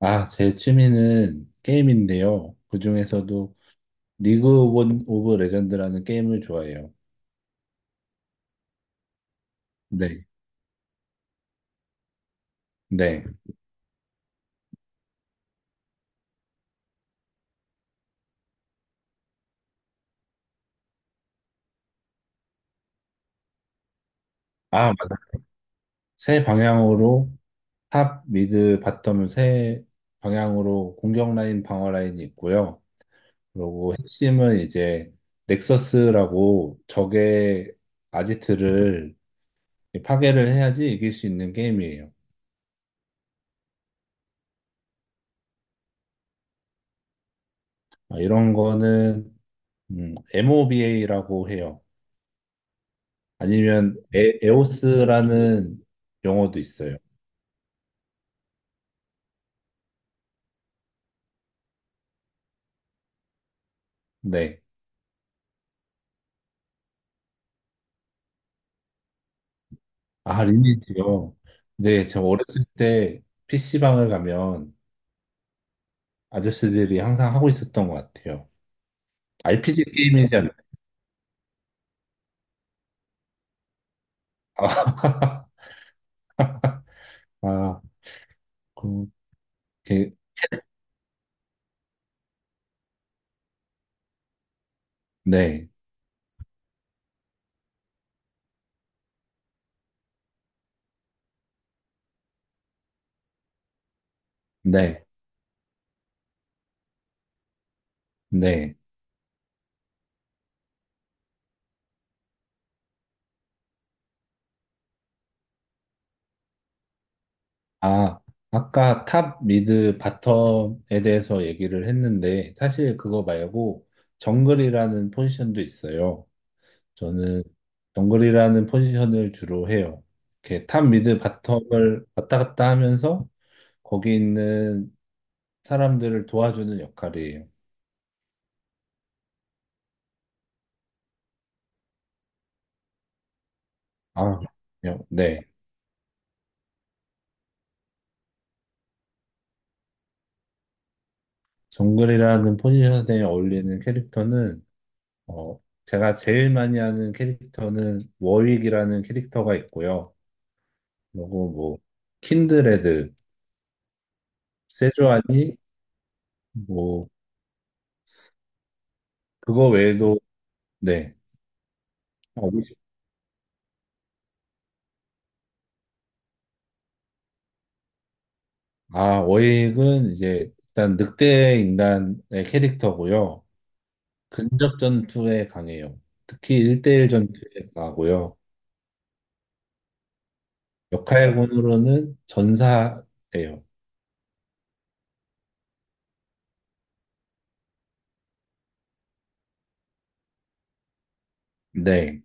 아, 제 취미는 게임인데요. 그중에서도 리그 오브 레전드라는 게임을 좋아해요. 네. 네. 아, 맞아. 세 방향으로 탑, 미드, 바텀 세 방향으로 공격 라인, 방어 라인이 있고요. 그리고 핵심은 이제 넥서스라고 적의 아지트를 파괴를 해야지 이길 수 있는 게임이에요. 아, 이런 거는 MOBA라고 해요. 아니면 에오스라는 용어도 있어요. 네. 아, 리니지요. 네, 제가 어렸을 때 PC방을 가면 아저씨들이 항상 하고 있었던 것 같아요. RPG 게임이지 않나요? 아, 아, 그, 게- 네, 네, 네. 아, 아까 탑, 미드, 바텀에 대해서 얘기를 했는데 사실 그거 말고 정글이라는 포지션도 있어요. 저는 정글이라는 포지션을 주로 해요. 이렇게 탑 미드 바텀을 왔다 갔다 하면서 거기 있는 사람들을 도와주는 역할이에요. 아, 네. 정글이라는 포지션에 어울리는 캐릭터는 어, 제가 제일 많이 하는 캐릭터는 워윅이라는 캐릭터가 있고요. 그리고 뭐 킨드레드, 세조아니 뭐 그거 외에도 네. 어, 워익은 이제 일단 늑대 인간의 캐릭터고요. 근접 전투에 강해요. 특히 일대일 전투에 강하고요. 역할군으로는 전사예요. 네,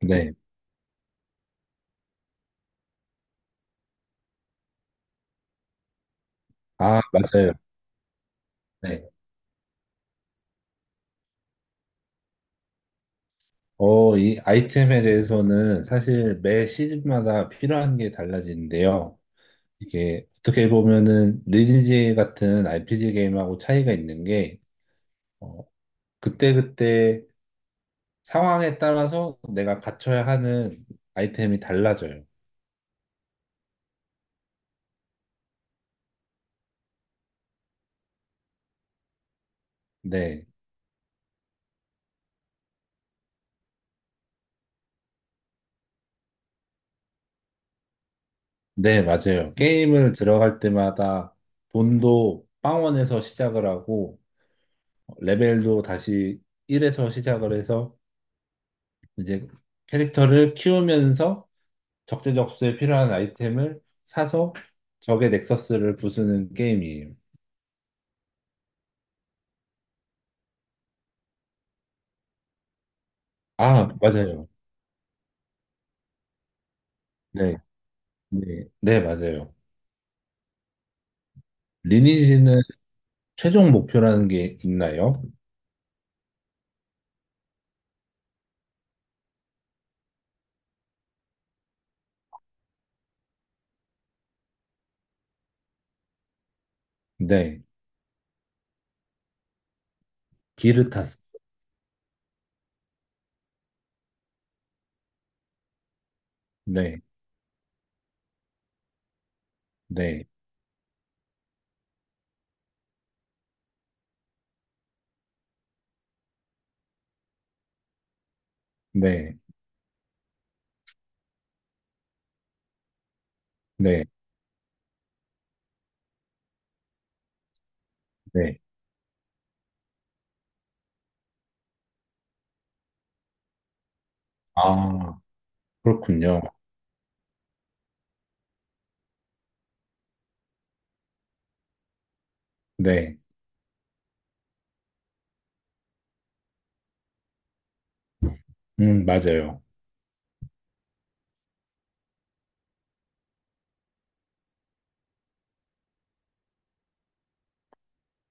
네. 아, 맞아요. 네. 이 아이템에 대해서는 사실 매 시즌마다 필요한 게 달라지는데요. 이게 어떻게 보면은 리니지 같은 RPG 게임하고 차이가 있는 게 어, 그때그때 상황에 따라서 내가 갖춰야 하는 아이템이 달라져요. 네. 네, 맞아요. 게임을 들어갈 때마다 돈도 빵원에서 시작을 하고, 레벨도 다시 1에서 시작을 해서, 이제 캐릭터를 키우면서 적재적소에 필요한 아이템을 사서 적의 넥서스를 부수는 게임이에요. 아, 맞아요. 네, 네, 네, 맞아요. 리니지는 최종 목표라는 게 있나요? 네, 기르타스. 네. 네, 네, 네, 네. 아, 그렇군요. 네, 맞아요.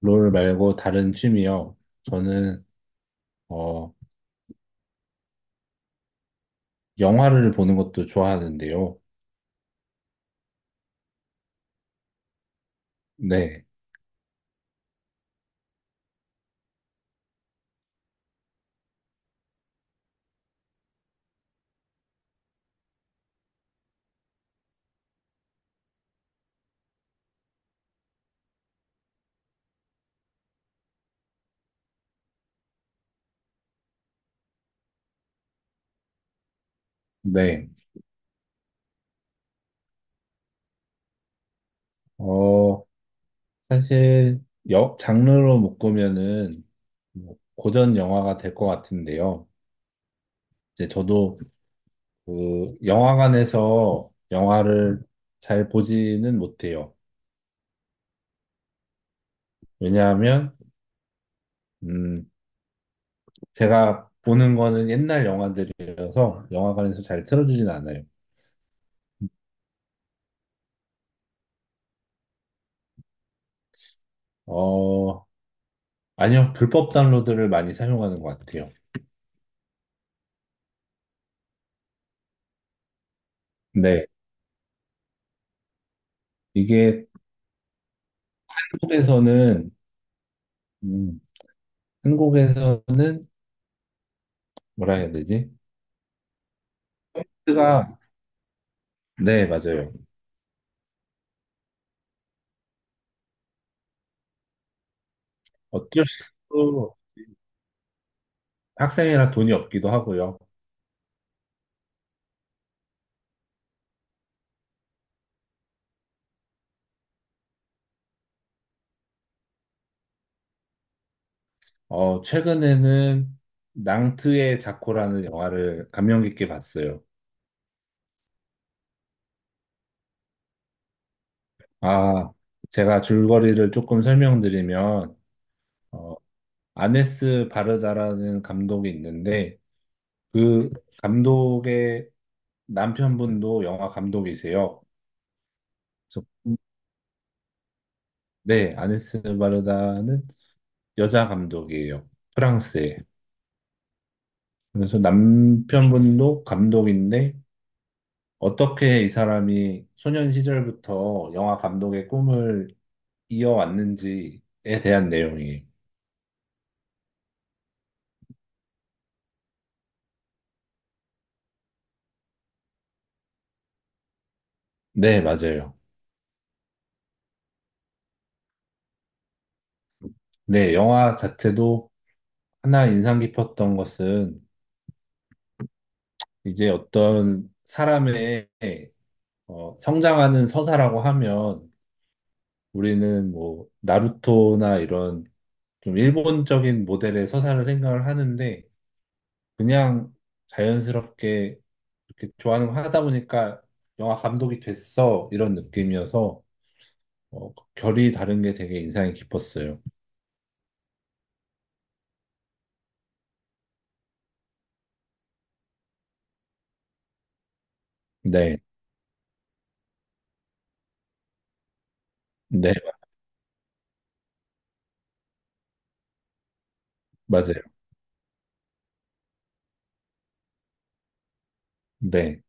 롤 말고 다른 취미요. 저는, 어, 영화를 보는 것도 좋아하는데요. 네, 네. 어, 사실, 장르로 묶으면은, 뭐 고전 영화가 될 것 같은데요. 이제 저도 그 영화관에서 영화를 잘 보지는 못해요. 왜냐하면, 음, 제가 보는 거는 옛날 영화들이어서 영화관에서 잘 틀어주진 않아요. 어, 아니요. 불법 다운로드를 많이 사용하는 것 같아요. 네. 이게 한국에서는, 음, 한국에서는 뭐라 해야 되지? 가 네, 맞아요. 어쩔 수 없고 학생이라 돈이 없기도 하고요. 최근에는 낭트의 자코라는 영화를 감명 깊게 봤어요. 아, 제가 줄거리를 조금 설명드리면, 어, 아네스 바르다라는 감독이 있는데 그 감독의 남편분도 영화 감독이세요. 그래서 네, 아네스 바르다는 여자 감독이에요. 프랑스에. 그래서 남편분도 감독인데 어떻게 이 사람이 소년 시절부터 영화 감독의 꿈을 이어왔는지에 대한 내용이에요. 네, 맞아요. 네, 영화 자체도 하나 인상 깊었던 것은 이제 어떤 사람의 성장하는 서사라고 하면 우리는 뭐 나루토나 이런 좀 일본적인 모델의 서사를 생각을 하는데 그냥 자연스럽게 이렇게 좋아하는 거 하다 보니까 영화 감독이 됐어 이런 느낌이어서 결이 다른 게 되게 인상이 깊었어요. 네, 네, 맞아요. 네.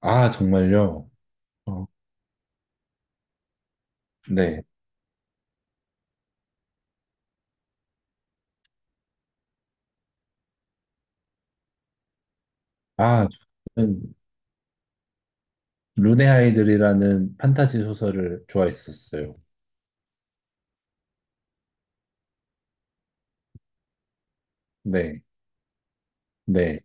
아, 정말요? 어, 네. 아, 저는 룬의 아이들이라는 판타지 소설을 좋아했었어요. 네, 네,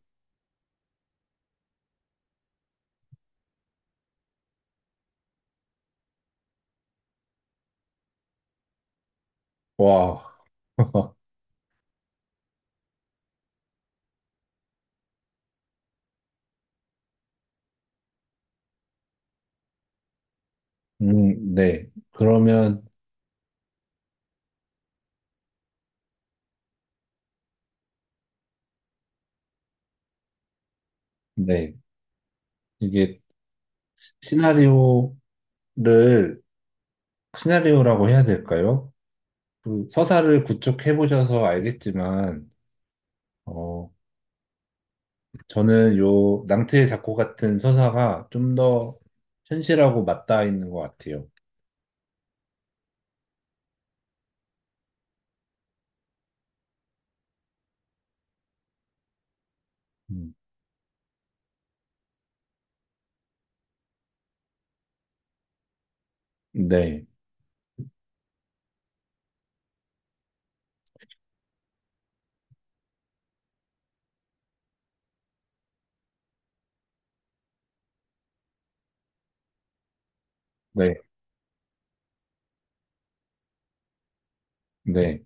와, 네. 그러면 네, 이게 시나리오를 시나리오라고 해야 될까요? 그 서사를 구축해 보셔서 알겠지만, 어, 저는 요 낭트의 작고 같은 서사가 좀 더 현실하고 맞닿아 있는 것 같아요. 음, 네, 네, 네.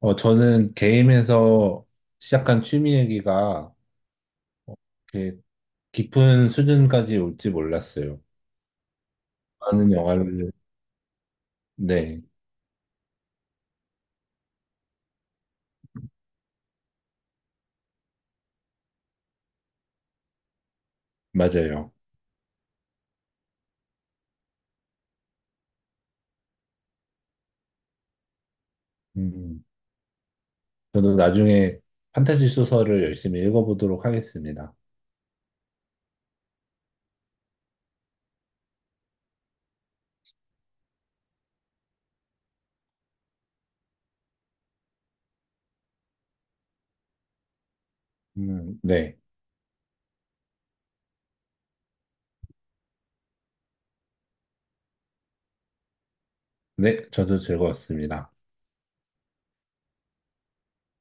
저는 게임에서 시작한 취미 얘기가 어, 이렇게 깊은 수준까지 올지 몰랐어요. 많은 영화를, 네, 맞아요. 음, 저도 나중에 판타지 소설을 열심히 읽어보도록 하겠습니다. 네. 네, 저도 즐거웠습니다.